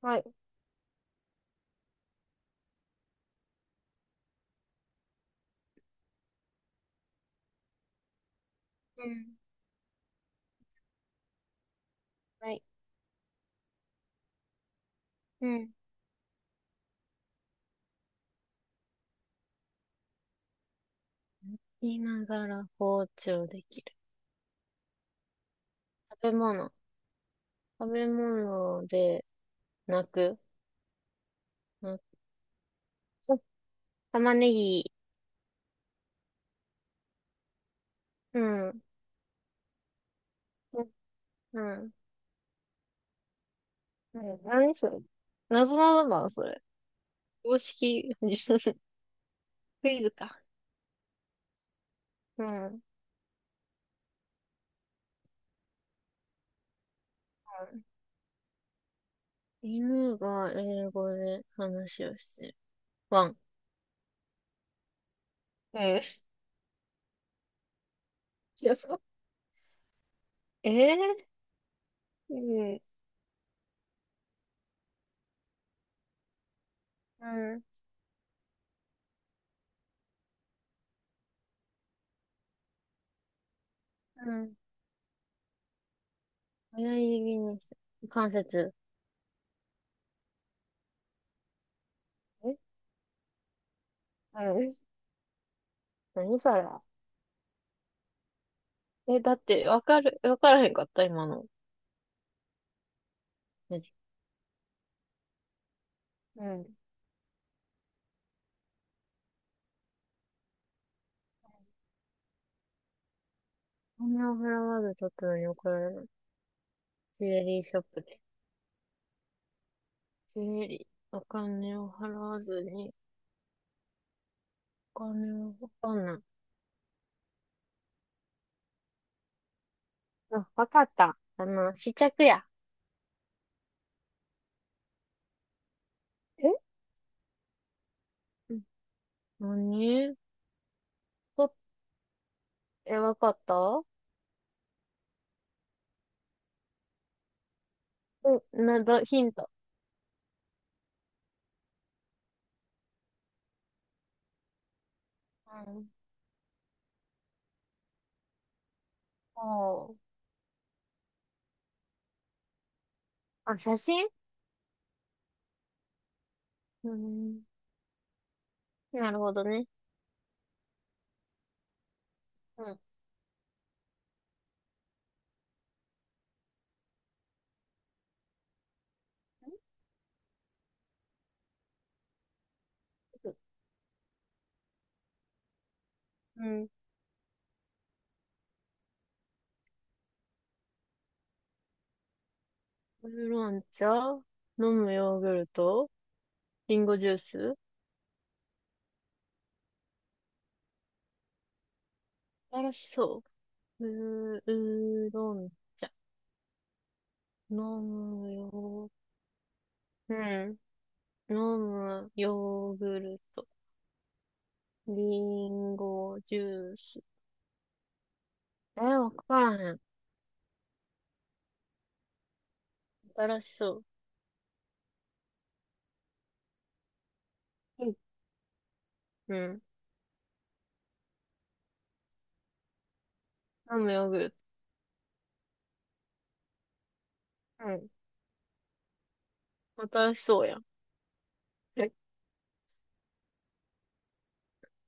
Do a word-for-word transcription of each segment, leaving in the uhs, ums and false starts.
はい。うん。はい。うん。言いながら包丁できる。食べ物。食べ物で泣く。泣く。玉ねぎ。うん。うん。うん。ね、何それ？謎なんだな、それ。公式、クイズか。うん。うん。犬が英語で話をしてる。ワン。うん。いや、そう。えー、うん。うん。うん。親指にして、関節。え。うん。何それ。え、だって、わかる、わからへんかった、今の。マジ。うん。お金を払わず取ったのに怒られる。ジュエリーショップで。ジュエリー。お金を払わずに、お金をわかんない。あ、わかった。あの、試着や。え。うん。何と、え、わかった。うん。なだ、ヒント。うん。おー。あ、写真。うん。なるほどね。うん。うん。ウーロン茶、飲むヨーグルト、リンゴジュース。新しそう。うー、うーろん茶。飲むよ。うん。飲むヨーグルト。リンゴジュース。えー、わからへん。新しそう。うん。うん。飲むヨーグルト。うん。新しそうやん。え。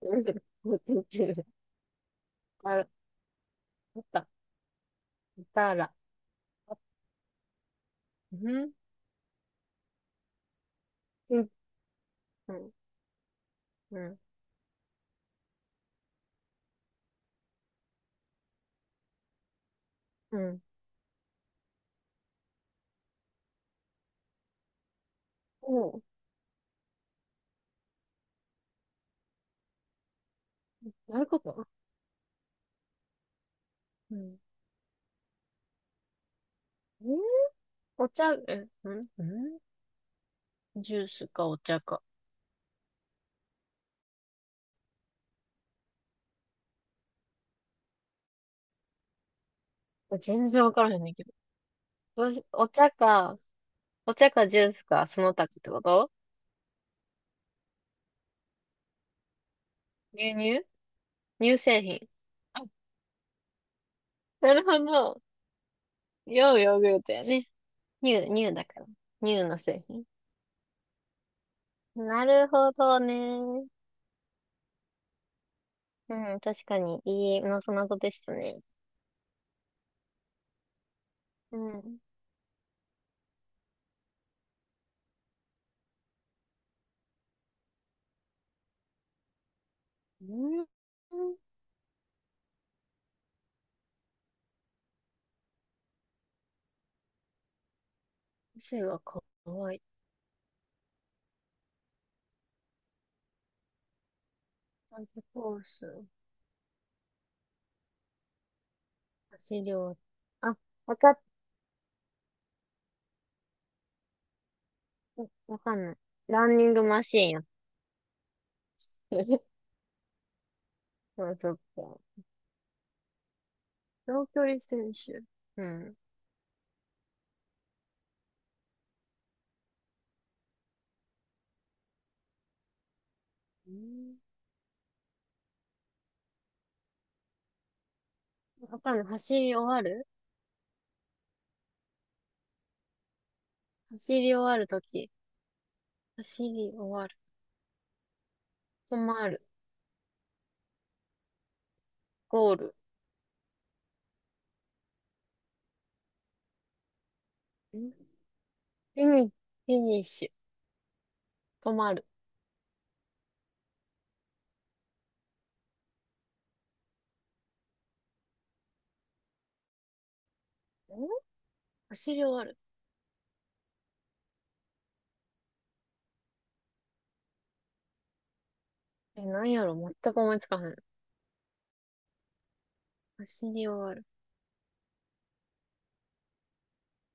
うん。あら、あった。いたら。うん。うん。うん。うん。うん。おう、どういうこと？うん。うん。お茶、え、うん、うん。ジュースかお茶か。全然わからへんねんけど。どうし、お茶か、お茶かジュースか、その他ってこと？牛乳。乳製品。あ、なるほど。ようヨーグルトやね。乳、乳だから。乳の製品。なるほどね。うん、確かに、いいのそなぞでしたね。うん。うん。汗はかわいい。タンコース。汗量。あ、わかっ、わかんない。ランニングマシーンやってる。そう、そっか。長距離選手。うん。うん。わかんない。走り終わる走り終わるとき。走り終わる。止まる。ゴール。んフィニフィニッシュ。止まる。ん走り終わる。え、なんやろ？全く思いつかへん。走り終わる。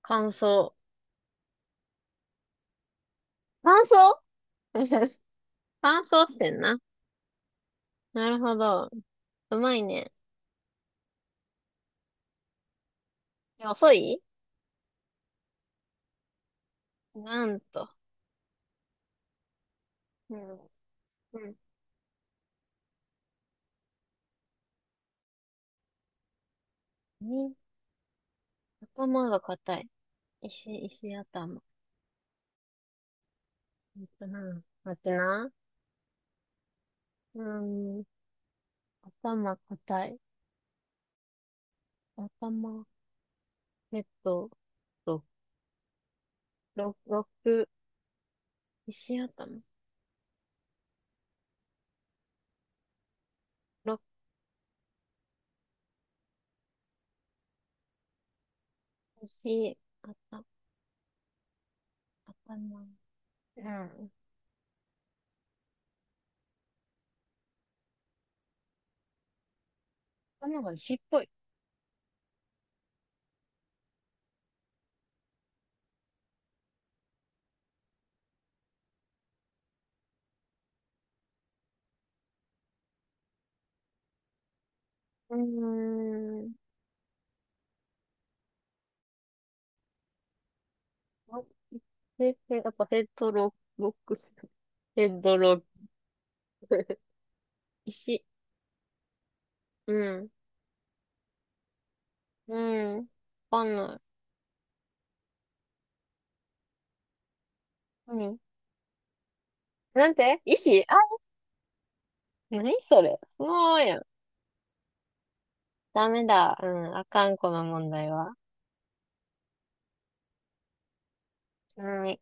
乾燥。乾燥。 乾燥してん。 な。なるほど。うまいね。え、遅い？なんと。うん。うん。ん。頭が硬い。石、石頭。えっとな。待ってな。うーん、頭硬い。頭、えっと、と、ろ六、石頭。六、石、頭、頭。うん。頭が石っぽい。うーん。ろへ、へ、やっぱヘッドロック、ヘッドロック。石。うん。うん。わかんない。何、なんて、石、あ、何それ、そのままやん。ダメだ。うん。あかん、この問題は。うん。よ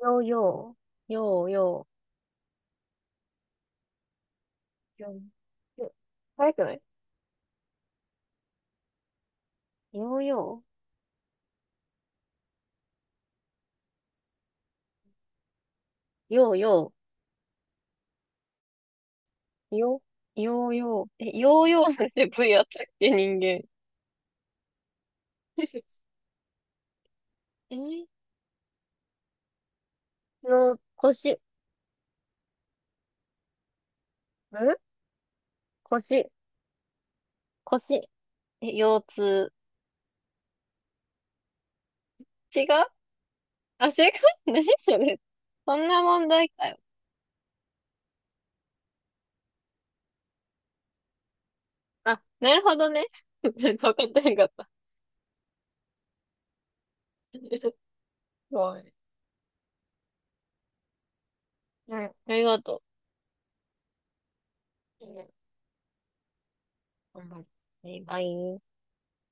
ー、よう、よう、よう、よよ。早くない？ヨーヨー、ヨーヨー、ヨ、ヨーヨー、え、ヨーヨーなんて部位あったっけ、人間。え。の、腰、ん。腰、腰、え、腰痛。違う。あ、正解。 何それ？そんな問題かよ。あ、なるほどね。ちょっと分かってへんかった。ごめん。うん、ありがとう。うん、頑張る。バイバイ。